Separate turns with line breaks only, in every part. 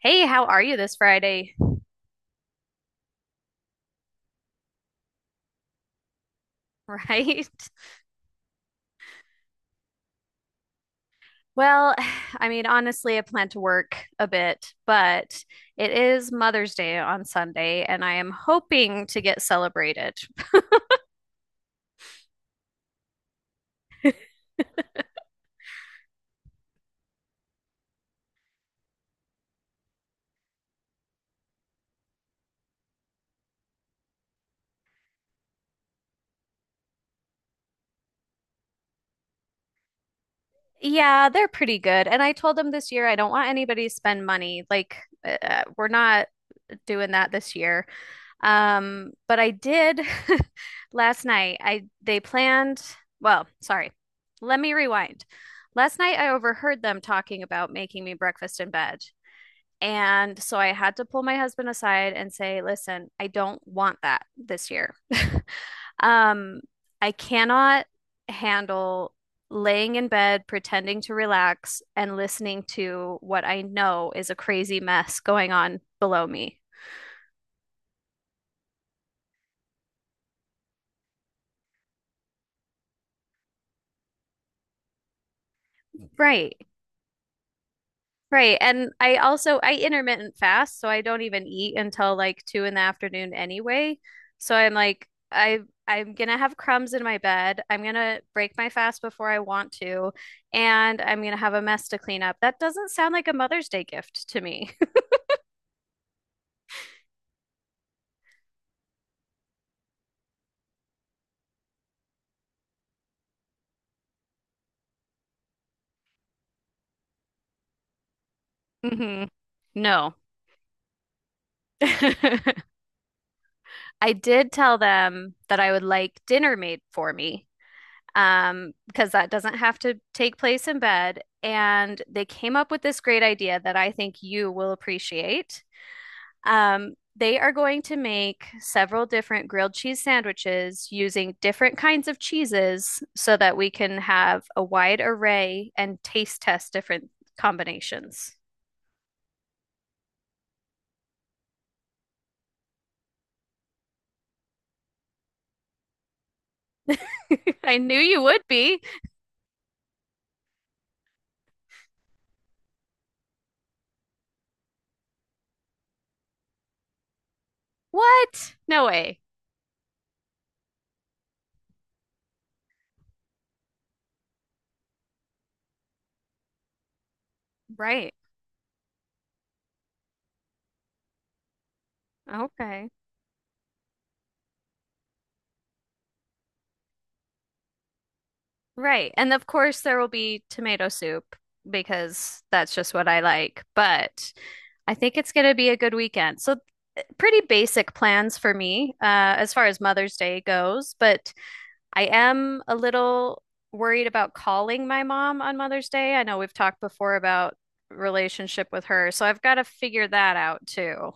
Hey, how are you this Friday? Right? Well, I mean, honestly, I plan to work a bit, but it is Mother's Day on Sunday, and I am hoping to get celebrated. Yeah, they're pretty good. And I told them this year I don't want anybody to spend money. Like, we're not doing that this year. But I did last night. I they planned, well, sorry. Let me rewind. Last night I overheard them talking about making me breakfast in bed. And so I had to pull my husband aside and say, listen, I don't want that this year. Um, I cannot handle laying in bed, pretending to relax, and listening to what I know is a crazy mess going on below me. Right. Right. And I also I intermittent fast, so I don't even eat until like 2 in the afternoon anyway. So I'm like I'm gonna have crumbs in my bed. I'm gonna break my fast before I want to, and I'm gonna have a mess to clean up. That doesn't sound like a Mother's Day gift to me. Hmm. No. I did tell them that I would like dinner made for me, because that doesn't have to take place in bed. And they came up with this great idea that I think you will appreciate. They are going to make several different grilled cheese sandwiches using different kinds of cheeses so that we can have a wide array and taste test different combinations. I knew you would be. What? No way. Right. Okay. Right. And of course, there will be tomato soup because that's just what I like. But I think it's going to be a good weekend. So, pretty basic plans for me as far as Mother's Day goes. But I am a little worried about calling my mom on Mother's Day. I know we've talked before about relationship with her. So, I've got to figure that out too.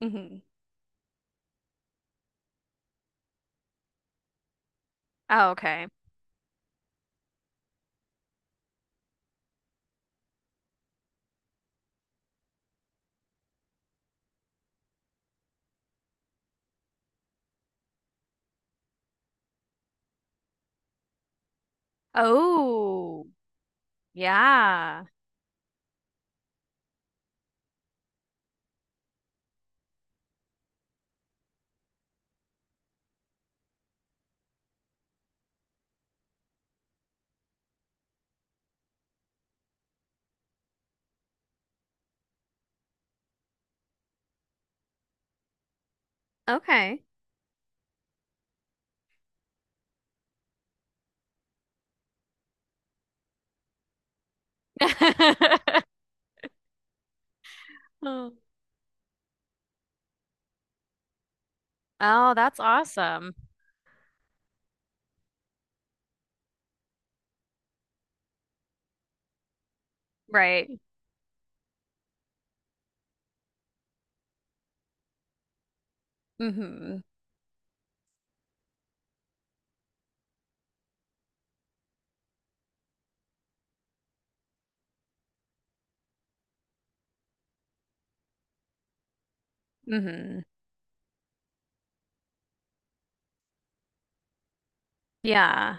Hmm. Oh, okay. Oh. Yeah. Okay. Oh. Oh, that's awesome. Right. Mm-hmm. Mm-hmm. Yeah.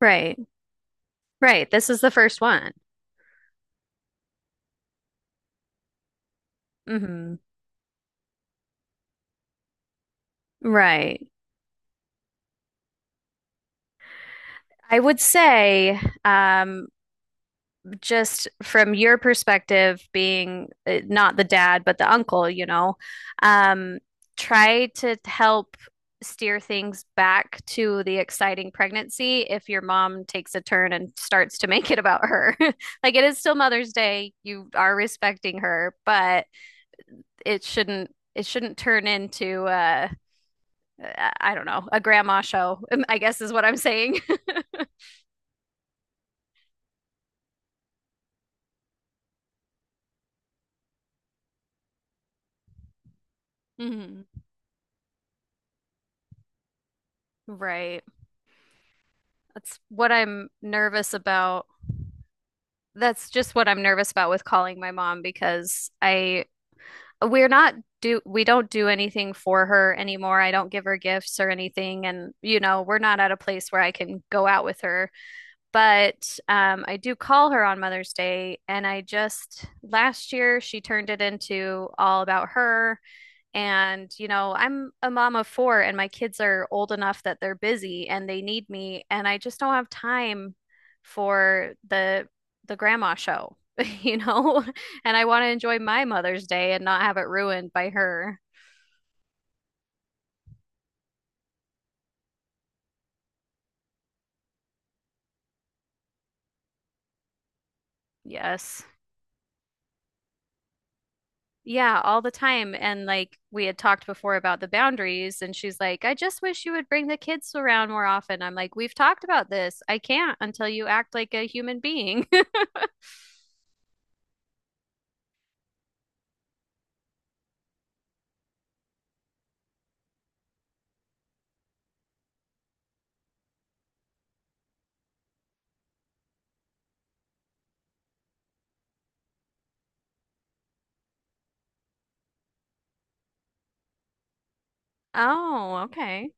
Right. Right. This is the first one. Mm-hmm. Right. I would say, um, just from your perspective, being not the dad, but the uncle, um, try to help steer things back to the exciting pregnancy if your mom takes a turn and starts to make it about her. Like it is still Mother's Day, you are respecting her, but it shouldn't turn into I don't know, a grandma show, I guess is what I'm saying. Mhm. Right. That's what I'm nervous about that's just what I'm nervous about with calling my mom because I we're not do we don't do anything for her anymore. I don't give her gifts or anything, and you know, we're not at a place where I can go out with her. But I do call her on Mother's Day, and I just last year she turned it into all about her. And, you know, I'm a mom of four, and my kids are old enough that they're busy and they need me, and I just don't have time for the grandma show, you know? And I want to enjoy my Mother's Day and not have it ruined by her. Yes. Yeah, all the time. And like we had talked before about the boundaries, and she's like, I just wish you would bring the kids around more often. I'm like, we've talked about this. I can't until you act like a human being. Oh, okay.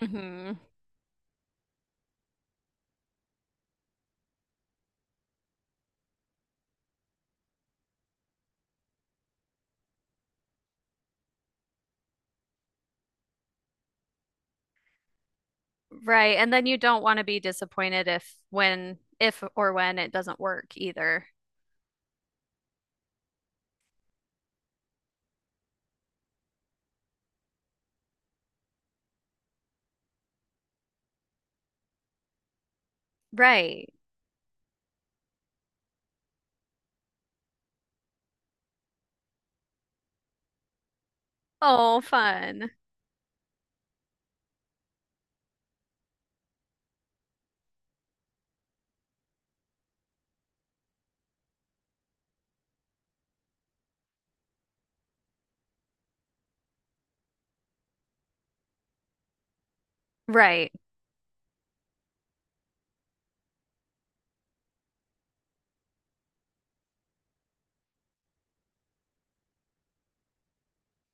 Hmm. Right. And then you don't want to be disappointed if or when it doesn't work either. Right. Oh, fun. Right.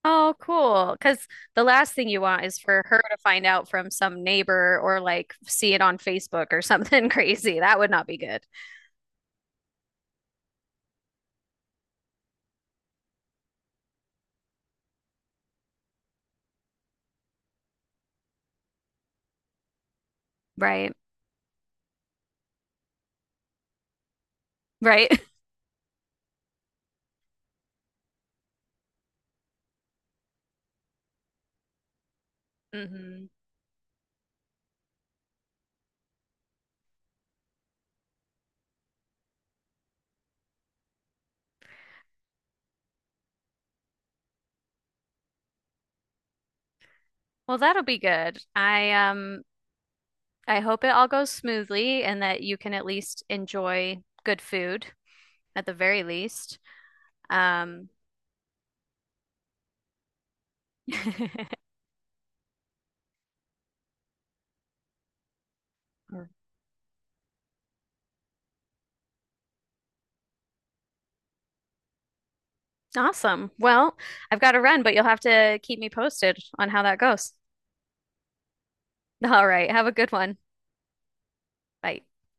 Oh, cool. Because the last thing you want is for her to find out from some neighbor or like see it on Facebook or something crazy. That would not be good. Right. Right. Hmm. Well, that'll be good. I hope it all goes smoothly and that you can at least enjoy good food at the very least. Um Awesome. Well, I've got to run, but you'll have to keep me posted on how that goes. All right. Have a good one. Bye.